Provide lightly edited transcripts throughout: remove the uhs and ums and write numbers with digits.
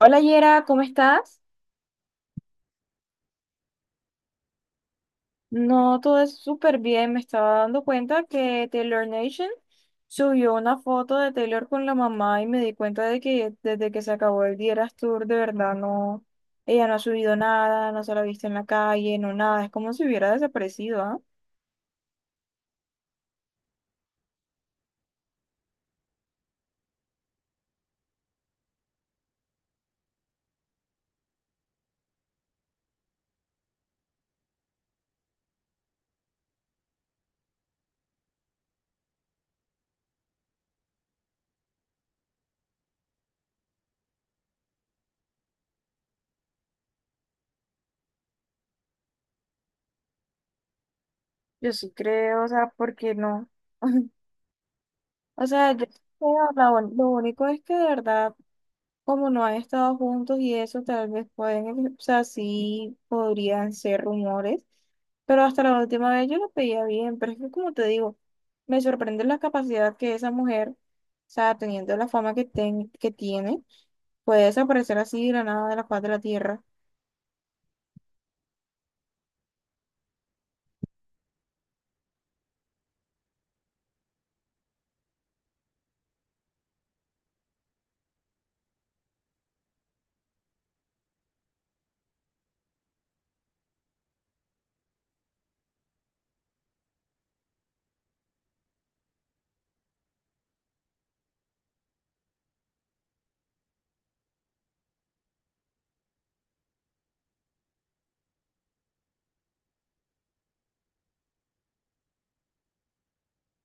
Hola Yera, ¿cómo estás? No, todo es súper bien. Me estaba dando cuenta que Taylor Nation subió una foto de Taylor con la mamá y me di cuenta de que desde que se acabó el Dieras Tour, de verdad no, ella no ha subido nada, no se la ha visto en la calle, no nada. Es como si hubiera desaparecido, ¿ah? Yo sí creo, o sea, ¿por qué no? O sea, yo creo, lo único es que de verdad como no han estado juntos y eso, tal vez pueden, o sea, sí podrían ser rumores, pero hasta la última vez yo lo veía bien, pero es que como te digo, me sorprende la capacidad que esa mujer, o sea, teniendo la fama que, que tiene, puede desaparecer así de la nada de la faz de la tierra.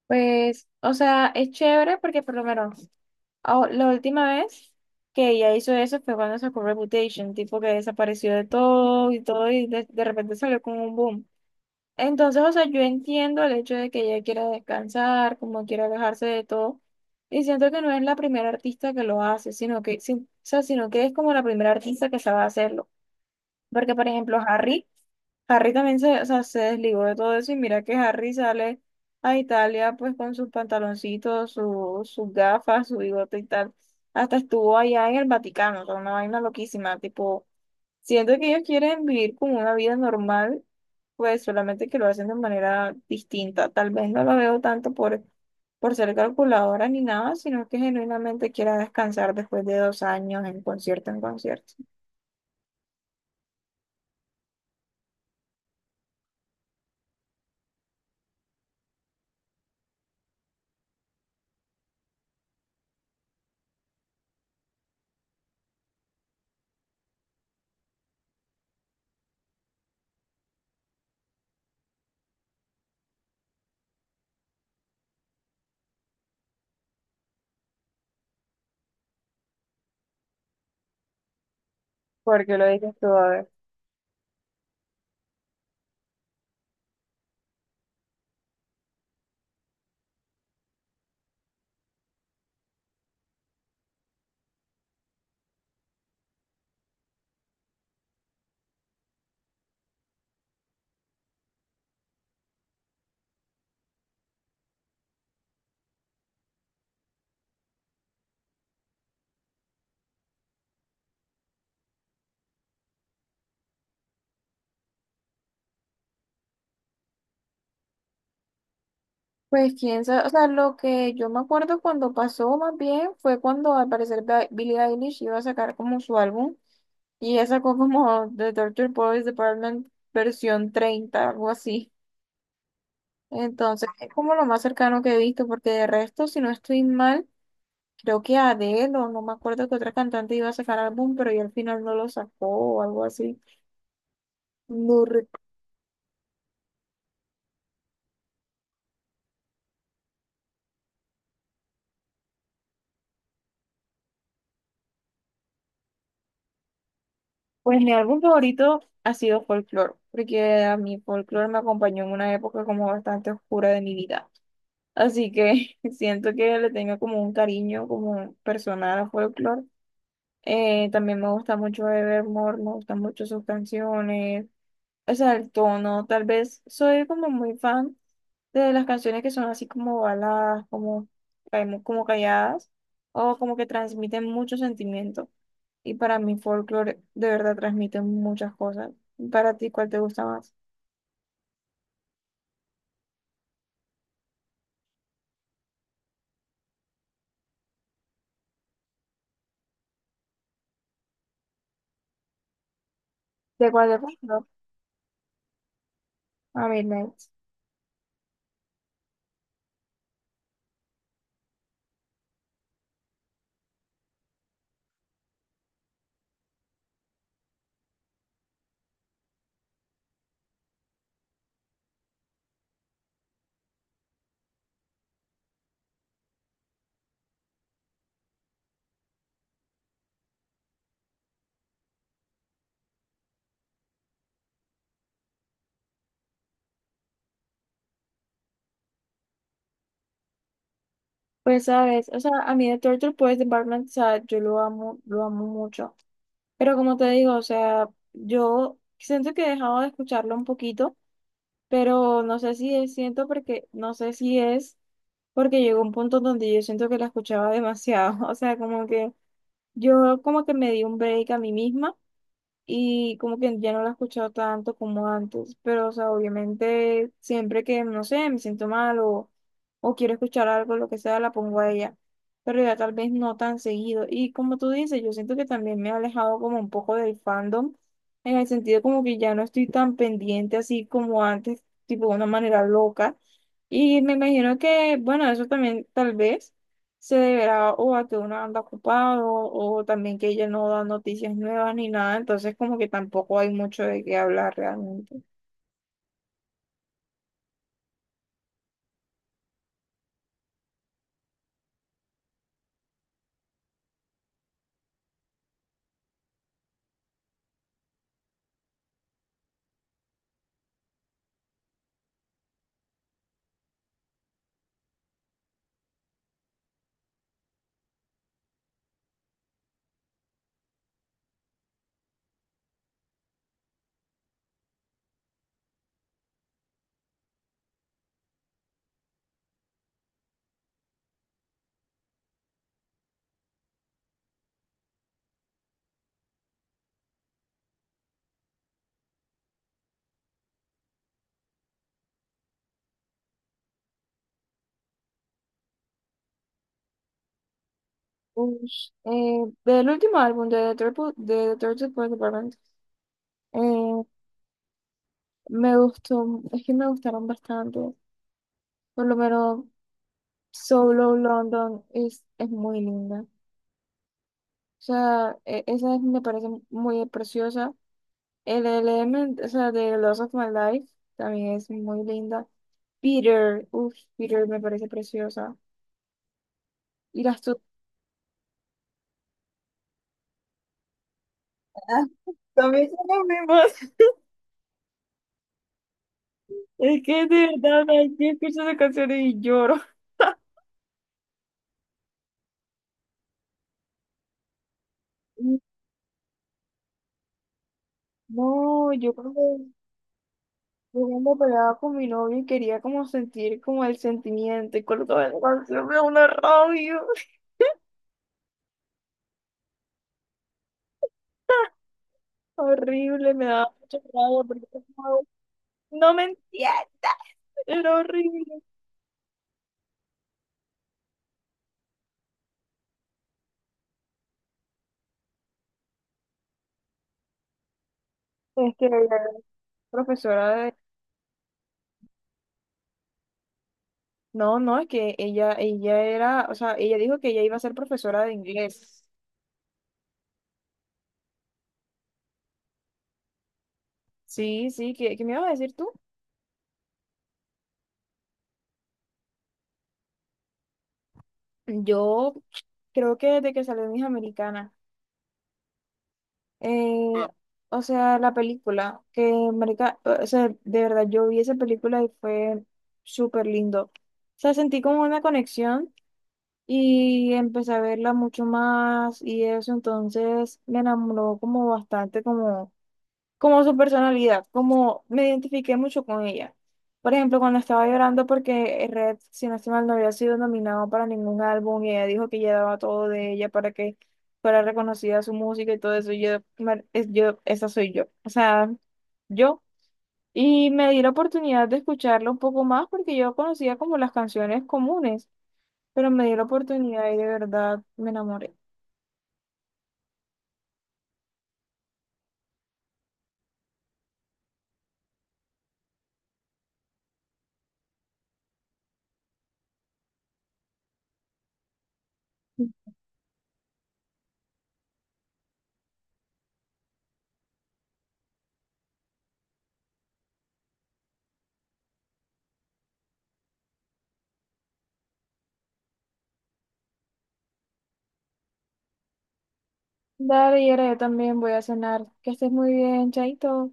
Pues, o sea, es chévere porque por lo menos ah, la última vez que ella hizo eso fue cuando sacó Reputation, tipo que desapareció de todo y todo y de repente salió con un boom. Entonces, o sea, yo entiendo el hecho de que ella quiera descansar, como quiera alejarse de todo, y siento que no es la primera artista que lo hace, sino que, o sea, sino que es como la primera artista que sabe hacerlo. Porque, por ejemplo, Harry también se, o sea, se desligó de todo eso y mira que Harry sale a Italia pues con sus pantaloncitos, sus gafas, su bigote y tal. Hasta estuvo allá en el Vaticano, o sea, una vaina loquísima, tipo, siento que ellos quieren vivir como una vida normal pues solamente que lo hacen de manera distinta. Tal vez no lo veo tanto por ser calculadora ni nada, sino que genuinamente quiera descansar después de 2 años en concierto en concierto. ¿Por qué lo dices tú? A ver. Pues quién sabe, o sea, lo que yo me acuerdo cuando pasó más bien fue cuando al parecer Billie Eilish iba a sacar como su álbum y ella sacó como The Torture Boys Department versión 30 algo así. Entonces es como lo más cercano que he visto porque de resto, si no estoy mal, creo que Adele, o no me acuerdo que otra cantante iba a sacar álbum, pero ya al final no lo sacó o algo así. No re- Pues mi álbum favorito ha sido Folklore, porque a mí Folklore me acompañó en una época como bastante oscura de mi vida. Así que siento que le tengo como un cariño como personal a Folklore. También me gusta mucho Evermore, me gustan mucho sus canciones. O sea, el tono, tal vez soy como muy fan de las canciones que son así como baladas, como, como calladas, o como que transmiten mucho sentimiento. Y para mí folclore de verdad transmite muchas cosas. Para ti, ¿cuál te gusta más? ¿De cuál de folclore? A Midnight. Pues sabes, o sea, a mí de Torture pues de Barman, o sea, yo lo amo mucho. Pero como te digo, o sea, yo siento que he dejado de escucharlo un poquito, pero no sé si es, siento porque, no sé si es porque llegó un punto donde yo siento que la escuchaba demasiado, o sea, como que yo como que me di un break a mí misma y como que ya no la he escuchado tanto como antes, pero o sea, obviamente siempre que, no sé, me siento mal o quiero escuchar algo, lo que sea, la pongo a ella, pero ya tal vez no tan seguido. Y como tú dices, yo siento que también me he alejado como un poco del fandom, en el sentido como que ya no estoy tan pendiente así como antes, tipo de una manera loca. Y me imagino que, bueno, eso también tal vez se deberá o a que uno anda ocupado o también que ella no da noticias nuevas ni nada, entonces como que tampoco hay mucho de qué hablar realmente. Ush, del último álbum de The Third Support Department, eh, me gustó, es que me gustaron bastante, por lo menos Solo London es muy linda. O sea, me parece muy preciosa. El Element, o sea, de Lost of My Life, también es muy linda. Peter, uff, Peter me parece preciosa. Y las tutas también son las mismas. Es que de verdad, ay, yo escucho esas canciones y lloro. Y no, yo cuando peleaba con mi novio y quería como sentir como el sentimiento y colocaba la canción me da una rabia horrible, me daba mucha rabia porque no, no me entiende, era horrible. Este, la profesora. No, no, es que ella era, o sea, ella dijo que ella iba a ser profesora de inglés. Sí, sí, ¿qué me ibas a decir tú? Yo creo que desde que salió mis Hija Americana, eh, o sea, la película, que marica, o sea, de verdad, yo vi esa película y fue súper lindo. O sea, sentí como una conexión y empecé a verla mucho más y eso, entonces me enamoró como bastante, como su personalidad, como me identifiqué mucho con ella. Por ejemplo, cuando estaba llorando porque Red, si no estoy mal, no había sido nominado para ningún álbum y ella dijo que ella daba todo de ella para que fuera reconocida su música y todo eso, yo, yo, esa soy yo, o sea, yo. Y me di la oportunidad de escucharlo un poco más porque yo conocía como las canciones comunes, pero me di la oportunidad y de verdad me enamoré. Dale, y ahora yo también voy a cenar. Que estés muy bien, chaito.